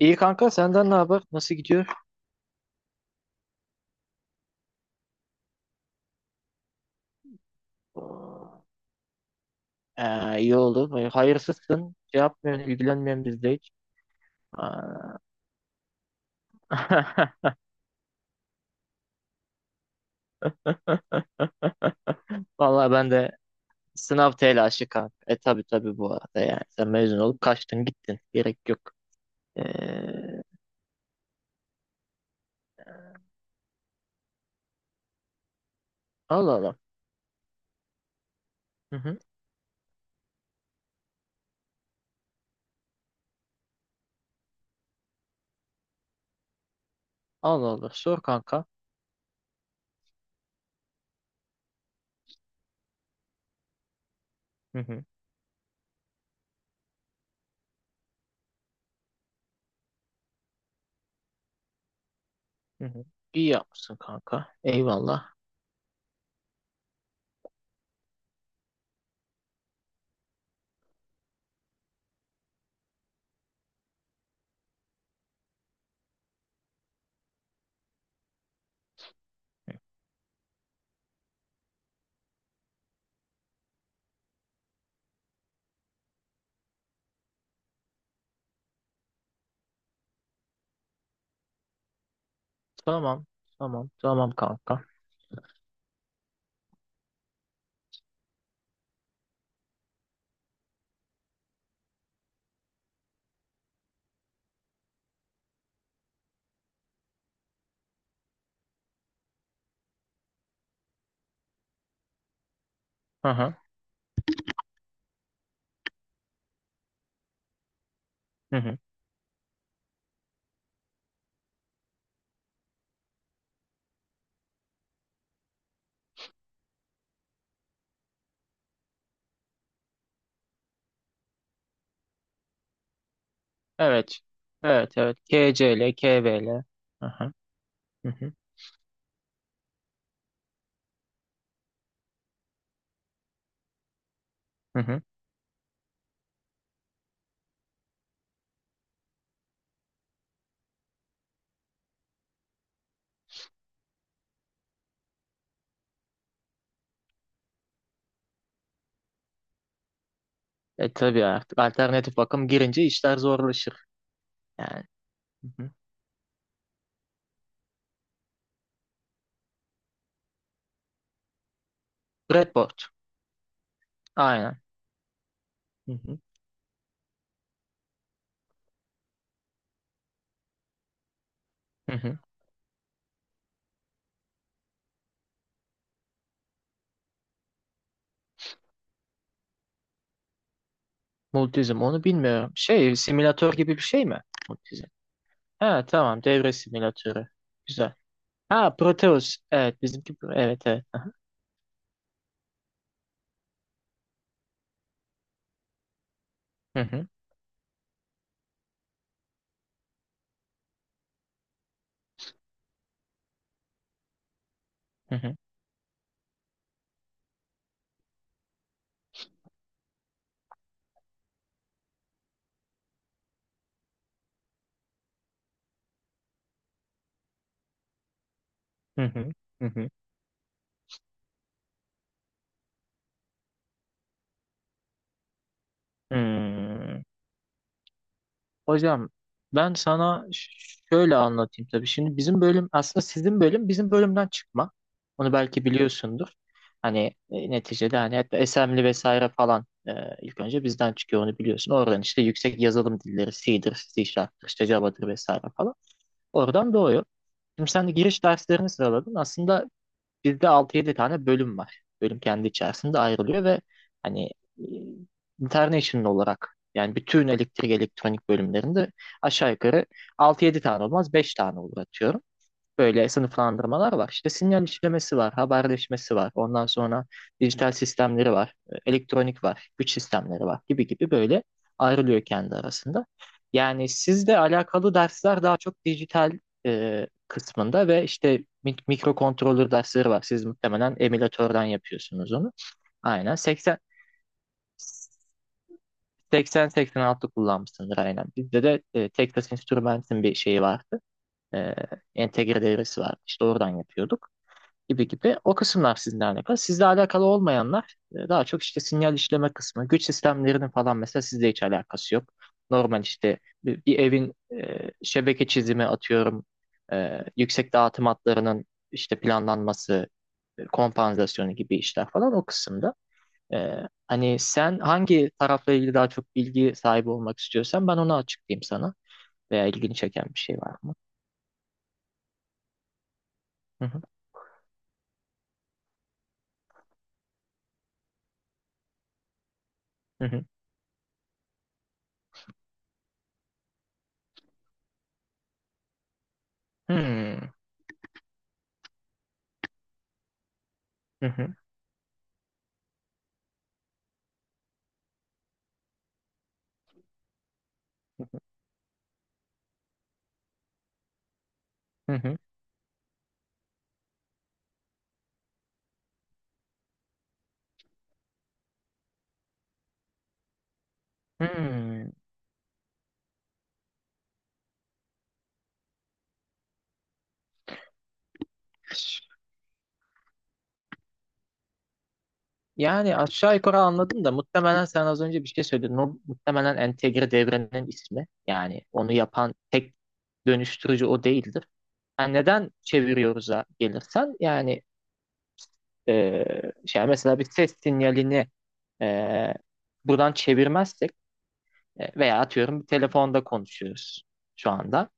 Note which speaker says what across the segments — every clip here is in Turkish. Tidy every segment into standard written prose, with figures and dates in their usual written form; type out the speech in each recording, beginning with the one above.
Speaker 1: İyi kanka, senden ne haber? Nasıl gidiyor? İyi oldu. Böyle hayırsızsın. Şey yapmıyorsun, ilgilenmiyorsun bizde hiç. Aa. Vallahi ben de sınav telaşı kanka. E tabi tabi bu arada yani. Sen mezun olup kaçtın gittin. Gerek yok. Ee, Allah Allah. Hı hı. Allah Allah. Sor kanka. Hı hı. Hı hı. İyi yapmışsın kanka. Eyvallah. Tamam. Tamam. Tamam kanka. Hı hı. Hı hı. Evet. Evet evet. KCL, KVL. Hı hı. Hı hı. Hı hı. E tabii artık alternatif bakım girince işler zorlaşır. Yani. Hı hı. Breadboard. Aynen. Hı hı. Hı hı. Multizm, onu bilmiyorum. Şey, simülatör gibi bir şey mi? Multizm. Ha tamam, devre simülatörü. Güzel. Ha Proteus. Evet bizimki. Evet evet. Hı. Hı hı. Hı hı. Hı hı. Hı hı. Hmm. Hocam, ben sana şöyle anlatayım tabii. Şimdi bizim bölüm aslında sizin bölüm bizim bölümden çıkma. Onu belki biliyorsundur. Hani neticede hani hatta Assembly vesaire falan, ilk önce bizden çıkıyor onu biliyorsun. Oradan işte yüksek yazılım dilleri C'dir, C Sharp'tır, işte Java'dır vesaire falan. Oradan doğuyor. Şimdi sen de giriş derslerini sıraladın. Aslında bizde altı yedi tane bölüm var. Bölüm kendi içerisinde ayrılıyor ve hani e, international olarak yani bütün elektrik elektronik bölümlerinde aşağı yukarı altı yedi tane olmaz, 5 tane olur atıyorum, böyle sınıflandırmalar var. İşte sinyal işlemesi var, haberleşmesi var. Ondan sonra dijital sistemleri var, elektronik var, güç sistemleri var gibi gibi, böyle ayrılıyor kendi arasında. Yani sizle alakalı dersler daha çok dijital kısmında ve işte mikrokontroller dersleri var. Siz muhtemelen emülatörden yapıyorsunuz onu. Aynen 80. 80-86 kullanmışsındır aynen. Bizde de Texas Instruments'in bir şeyi vardı. E, entegre devresi vardı. İşte oradan yapıyorduk gibi gibi. O kısımlar sizinle alakalı. Sizle alakalı olmayanlar, daha çok işte sinyal işleme kısmı, güç sistemlerinin falan mesela sizle hiç alakası yok. Normal işte bir evin şebeke çizimi atıyorum, yüksek dağıtım hatlarının işte planlanması, kompansasyonu gibi işler falan o kısımda. E, hani sen hangi tarafla ilgili daha çok bilgi sahibi olmak istiyorsan ben onu açıklayayım sana. Veya ilgini çeken bir şey var mı? Hı hı. Hı hı. Hmm. Hı hı. Hı hı. Hmm. Yani aşağı yukarı anladım da muhtemelen sen az önce bir şey söyledin. O muhtemelen entegre devrenin ismi. Yani onu yapan tek dönüştürücü o değildir. Yani neden çeviriyoruz'a gelirsen yani, e, şey, mesela bir ses sinyalini e, buradan çevirmezsek, veya atıyorum bir telefonda konuşuyoruz şu anda.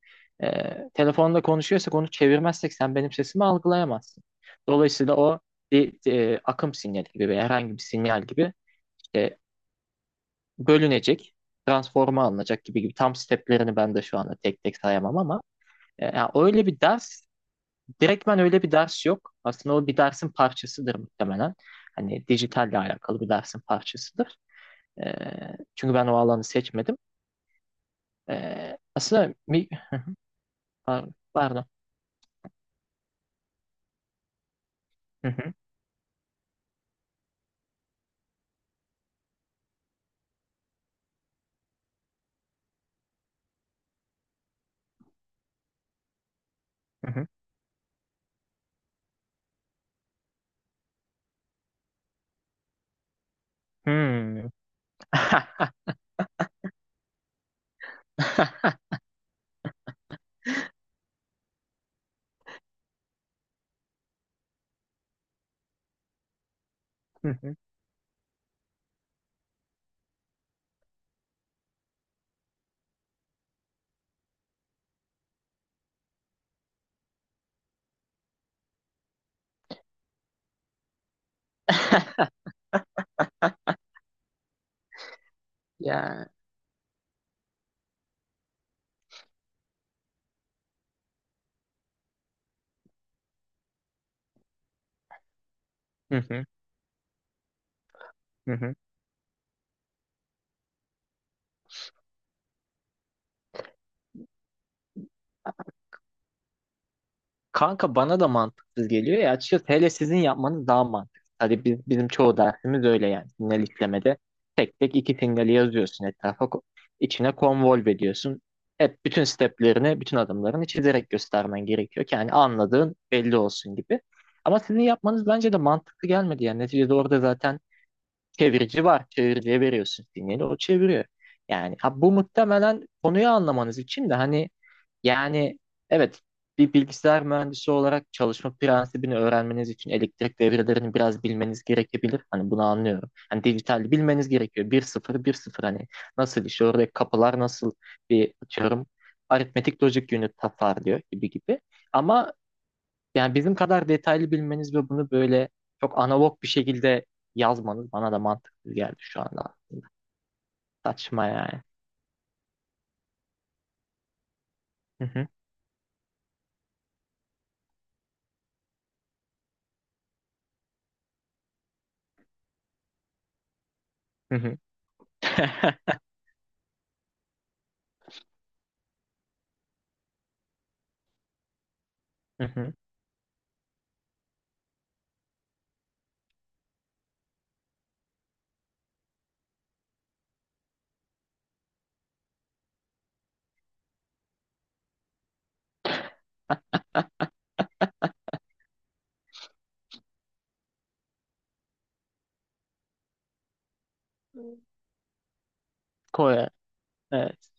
Speaker 1: E, telefonda konuşuyorsak onu çevirmezsek sen benim sesimi algılayamazsın. Dolayısıyla o bir akım sinyali gibi veya herhangi bir sinyal gibi işte bölünecek, transforma alınacak gibi gibi, tam steplerini ben de şu anda tek tek sayamam ama ya öyle bir ders, direktmen öyle bir ders yok. Aslında o bir dersin parçasıdır muhtemelen. Hani dijitalle alakalı bir dersin parçasıdır. E, çünkü ben o alanı seçmedim. E, aslında mi, pardon. Hı hı, hı hı. Hmm. Hı hı. Ya. Hı hı, hı hı. Kanka bana da mantıksız geliyor ya açıkçası, hele sizin yapmanız daha mantıksız. Hadi biz, bizim çoğu dersimiz öyle yani, sinyal işlemede tek tek iki sinyali yazıyorsun etrafa içine convolve ediyorsun. Hep bütün steplerini bütün adımlarını çizerek göstermen gerekiyor ki yani anladığın belli olsun gibi. Ama sizin yapmanız bence de mantıklı gelmedi yani, neticede orada zaten çevirici var, çeviriciye veriyorsun sinyali, o çeviriyor. Yani ha, bu muhtemelen konuyu anlamanız için de hani, yani evet, bir bilgisayar mühendisi olarak çalışma prensibini öğrenmeniz için elektrik devrelerini biraz bilmeniz gerekebilir. Hani bunu anlıyorum. Hani dijital bilmeniz gerekiyor. Bir sıfır, bir sıfır. Hani nasıl işliyor, oradaki kapılar nasıl bir atıyorum. Aritmetik logic unit tasar diyor gibi gibi. Ama yani bizim kadar detaylı bilmeniz ve bunu böyle çok analog bir şekilde yazmanız bana da mantıklı geldi şu anda. Saçma yani. Hı hı. Hı hı. Hı hı. Hmm. Koy. Evet.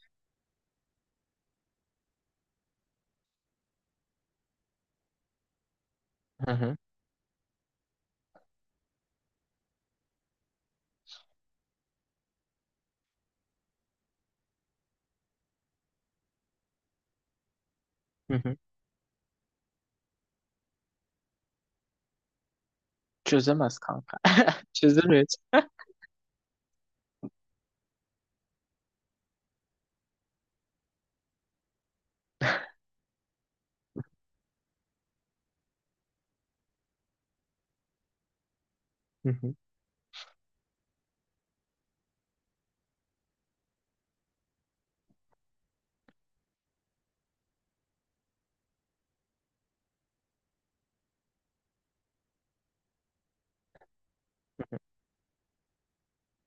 Speaker 1: Hı hı. Hı hı. Çözemez kanka. Çözemez. Hı hı.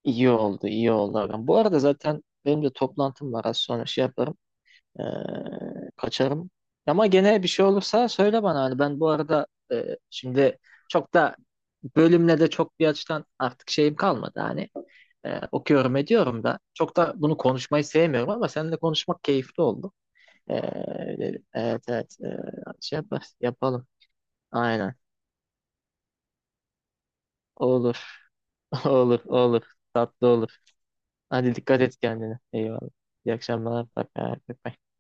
Speaker 1: İyi oldu, iyi oldu ağam. Bu arada zaten benim de toplantım var. Az sonra şey yaparım. Ee, kaçarım. Ama gene bir şey olursa söyle bana. Hani ben bu arada, şimdi çok da bölümle de çok bir açıdan artık şeyim kalmadı. Hani okuyorum ediyorum da. Çok da bunu konuşmayı sevmiyorum ama seninle konuşmak keyifli oldu. Ee, evet evet. Şey yapar, yapalım. Aynen. Olur. Olur, olur. Tatlı olur. Hadi dikkat et kendine. Eyvallah. İyi akşamlar. Bak, bak, bak.